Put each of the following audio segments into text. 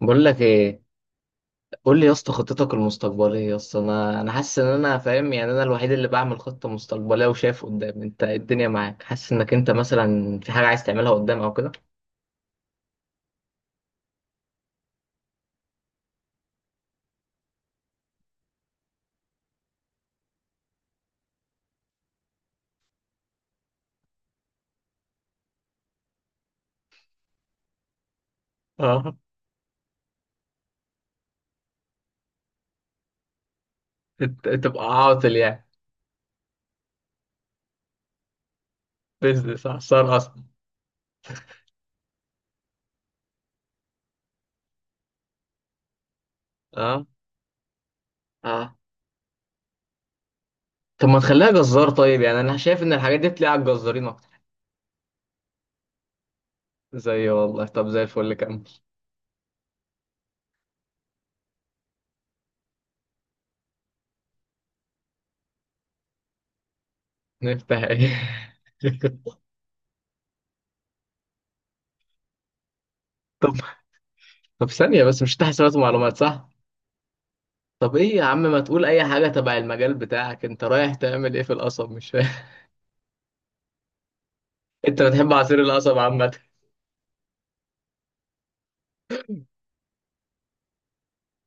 بقول لك ايه؟ قول لي يا اسطى خطتك المستقبليه يا اسطى، انا حاسس ان انا فاهم، يعني انا الوحيد اللي بعمل خطه مستقبليه وشايف قدام. انت إيه؟ الدنيا معاك، حاسس انك انت مثلا في حاجه عايز تعملها قدام او كده. اه. تبقى عاطل يعني؟ بيزنس خسارة اصلا. اه. اه. طب ما تخليها جزار طيب، يعني انا شايف ان الحاجات دي بتلاقي على الجزارين اكتر. زي والله، طب زي الفل كمل. نفتح ايه؟ طب طب ثانيه بس، مش تحت حسابات ومعلومات صح؟ طب ايه يا عم، ما تقول اي حاجة تبع المجال بتاعك، انت رايح تعمل ايه في القصب؟ مش فاهم. انت بتحب عصير القصب عامة؟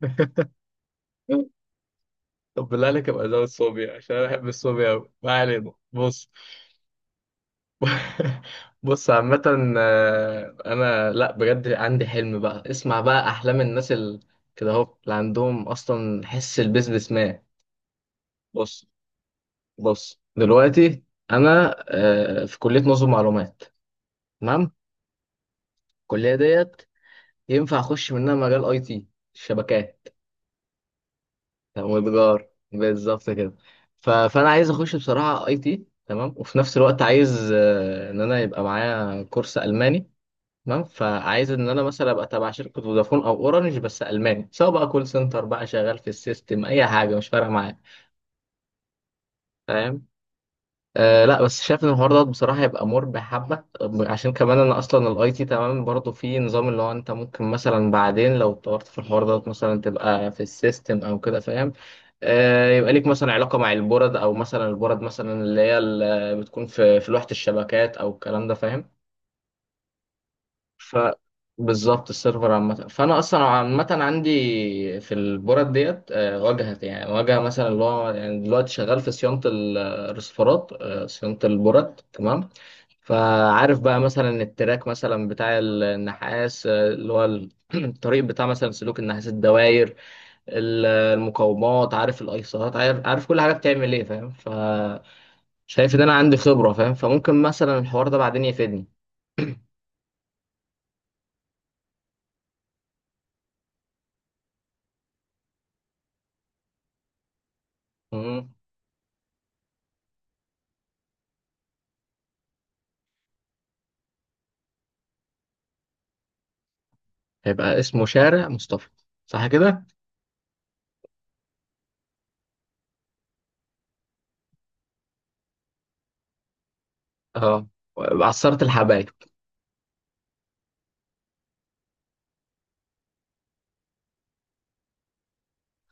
طب بالله عليك ابقى زود صوبيا عشان انا بحب الصوبيا قوي. ما علينا، بص. بص عامة، انا لا بجد عندي حلم بقى، اسمع بقى احلام الناس كده اهو اللي عندهم اصلا حس البيزنس مان. بص. بص دلوقتي، انا في كلية نظم معلومات. تمام. الكلية ديت ينفع اخش منها مجال اي تي، الشبكات. والبجار بالظبط كده. ف... فانا عايز اخش بصراحه اي تي تمام، وفي نفس الوقت عايز ان انا يبقى معايا كورس الماني. تمام. فعايز ان انا مثلا ابقى تبع شركه فودافون او اورنج بس الماني، سواء بقى كول سنتر بقى، شغال في السيستم، اي حاجه مش فارقه معايا. فاهم. لا، بس شايف ان الحوار ده بصراحه هيبقى مربح حبه. عشان كمان انا اصلا الاي تي تمام برضه في نظام اللي هو، انت ممكن مثلا بعدين لو اتطورت في الحوار ده مثلا تبقى في السيستم او كده، فاهم. يبقى ليك مثلا علاقه مع البورد، او مثلا البورد مثلا اللي هي اللي بتكون في لوحه الشبكات او الكلام ده، فاهم. ف بالظبط، السيرفر عامة. فأنا أصلا عامة عندي في البورد ديت واجهة، يعني واجهة مثلا اللي هو، يعني دلوقتي شغال في صيانة الرسيفرات، صيانة البورد، تمام. فعارف بقى مثلا التراك مثلا بتاع النحاس، اللي هو الطريق بتاع مثلا سلوك النحاس، الدواير، المقاومات، عارف الايسرات، عارف، عارف كل حاجة بتعمل ايه، فاهم. فشايف ان انا عندي خبرة، فاهم، فممكن مثلا الحوار ده بعدين يفيدني. هيبقى اسمه شارع مصطفى، صح كده؟ اه، عصارة الحبايب.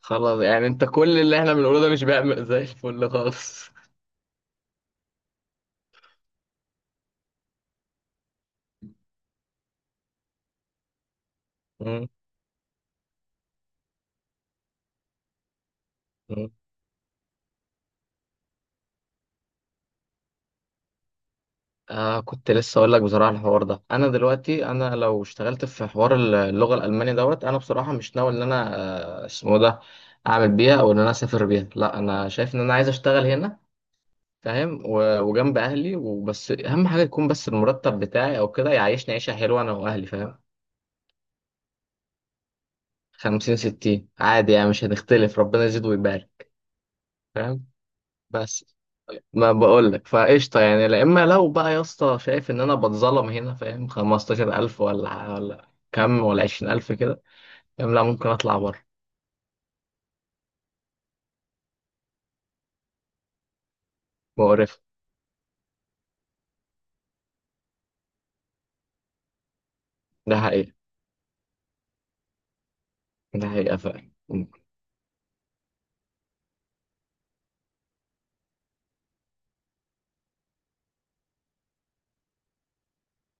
خلاص، يعني انت كل اللي احنا بنقوله ده مش بيعمل زي الفل خالص؟ مم. مم. كنت لسه اقول لك بصراحه، الحوار ده انا دلوقتي، انا لو اشتغلت في حوار اللغه الالمانيه دوت، انا بصراحه مش ناوي ان انا اسمه ده، اعمل بيها او ان انا اسافر بيها، لا انا شايف ان انا عايز اشتغل هنا، فاهم، وجنب اهلي، وبس اهم حاجه يكون بس المرتب بتاعي او كده يعيشني عيشه حلوه انا واهلي، فاهم. 50 60 عادي يعني، مش هنختلف، ربنا يزيد ويبارك. فاهم. بس ما بقولك، فقشطة يعني. لا، إما لو بقى يا اسطى شايف إن أنا بتظلم هنا، فاهم، 15 ألف ولا كم، ولا 20 ألف كده، فاهم، لا ممكن أطلع بره. مقرف. ده حقيقة. ده حقيقة فعلا.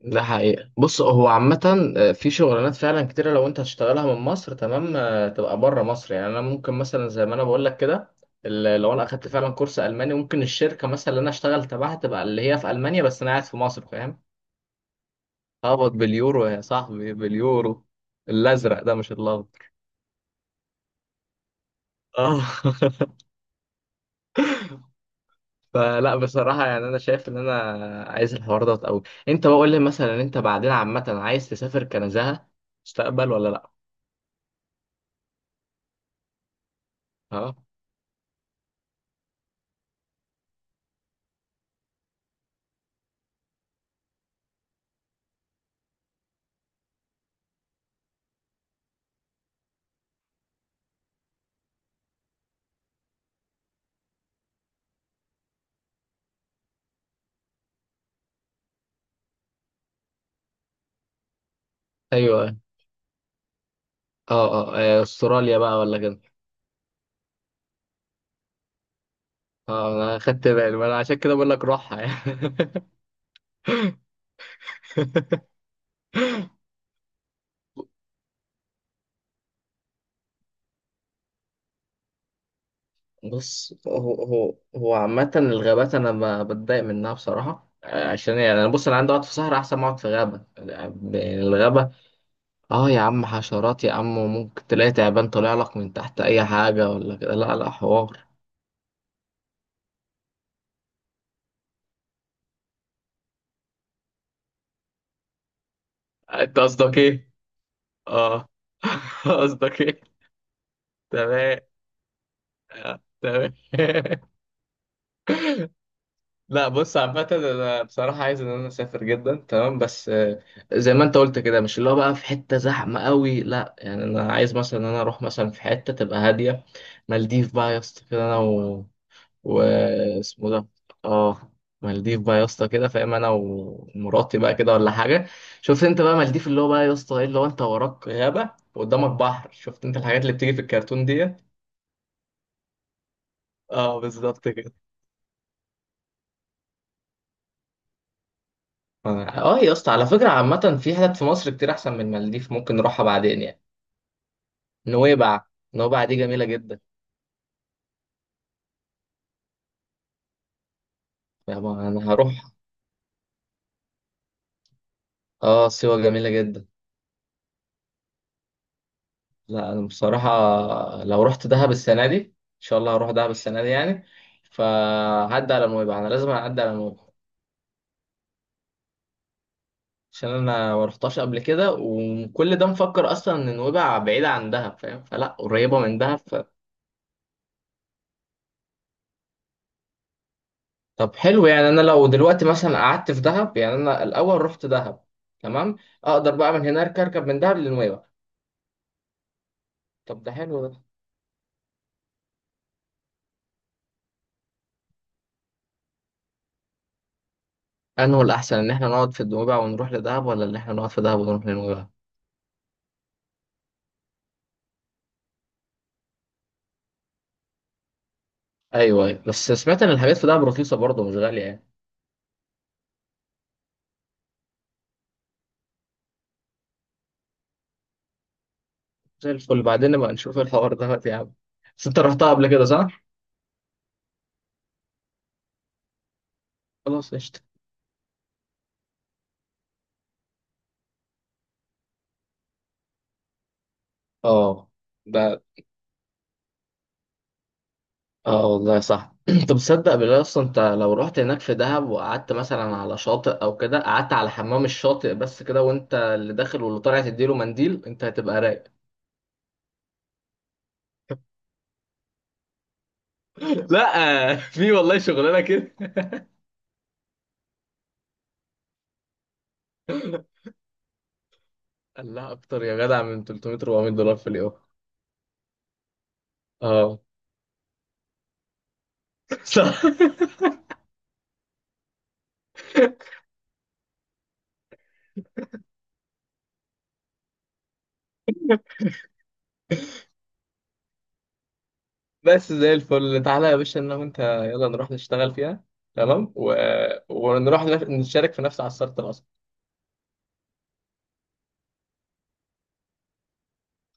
ده حقيقة. بص، هو عامة في شغلانات فعلا كتيرة لو انت هتشتغلها من مصر، تمام، تبقى بره مصر. يعني انا ممكن مثلا زي ما انا بقول لك كده، لو انا اخدت فعلا كورس الماني، ممكن الشركة مثلا اللي انا اشتغل تبعها تبقى اللي هي في المانيا بس انا قاعد في مصر، فاهم. اقبض باليورو يا صاحبي، باليورو، الازرق ده مش الابيض. اه. فلا بصراحة، يعني انا شايف ان انا عايز الحوار ده قوي. انت بقول لي مثلا انت بعدين عامة عايز تسافر كنزهة مستقبل ولا لا؟ اه. ايوه. اه. اه. استراليا بقى ولا كده. اه، انا خدت بالي، ما انا عشان كده بقول لك روحها يعني. بص، هو عامة الغابات أنا بتضايق منها بصراحة. عشان إيه؟ يعني أنا، بص أنا عندي أقعد في صحراء أحسن ما أقعد في غابة، يعني الغابة. أه يا عم حشرات يا عم، وممكن تلاقي تعبان طالع لك من تحت، أي حاجة ولا كده، لا لا حوار. أنت قصدك إيه؟ أه. قصدك إيه؟ تمام. تمام. لا بص عامة، أنا بصراحة عايز إن أنا أسافر جدا، تمام، بس زي ما أنت قلت كده، مش اللي هو بقى في حتة زحمة قوي، لا، يعني أنا عايز مثلا إن أنا أروح مثلا في حتة تبقى هادية. مالديف بقى يا اسطى كده، أنا و... اسمه ده آه مالديف بقى يا اسطى كده، فاهم، أنا ومراتي بقى كده ولا حاجة. شفت أنت بقى مالديف، اللي هو بقى يا اسطى إيه، اللي هو أنت وراك غابة وقدامك بحر. شفت أنت الحاجات اللي بتيجي في الكرتون ديت؟ بالظبط كده. اه يا اسطى، على فكرة عامة في حتت في مصر كتير أحسن من المالديف، ممكن نروحها بعدين يعني. نويبع. نويبع دي جميلة جدا. يابا أنا هروح. اه، سيوة جميلة جدا. لا أنا بصراحة لو رحت دهب السنة دي، إن شاء الله هروح دهب السنة دي يعني، فهعدي على نويبع، أنا لازم أعدي على نويبع عشان أنا ما رحتهاش قبل كده، وكل ده مفكر أصلا إن نويبع بعيدة عن دهب، فاهم، فلا، قريبة من دهب. طب حلو، يعني انا لو دلوقتي مثلا قعدت في دهب، يعني انا الاول رحت دهب، تمام، اقدر بقى من هناك اركب من دهب لنويبع. طب ده حلو ده. انه الاحسن ان احنا نقعد في نويبع ونروح لدهب، ولا ان احنا نقعد في دهب ونروح لنويبع؟ ايوه، ايوه، بس سمعت ان الحاجات في دهب رخيصه برضه، مش غاليه يعني. زي الفل، بعدين نبقى نشوف الحوار ده يا عم. بس انت رحتها قبل كده صح؟ خلاص قشطه. اه. ده اه، والله صح. طب تصدق بالله، اصلا انت لو رحت هناك في دهب وقعدت مثلا على شاطئ او كده، قعدت على حمام الشاطئ بس كده، وانت اللي داخل واللي طالع تديله منديل، انت هتبقى رايق. لا، في والله شغلانه كده. الله اكتر يا جدع، من 300 $400 في اليوم. اه. صح. بس زي الفل، تعالى يا باشا انا وانت يلا نروح نشتغل فيها، تمام، ونروح نشارك في نفس عصارة القصب.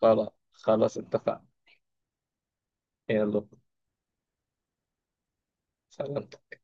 خلاص خلاص اتفقنا. يلا. سلام.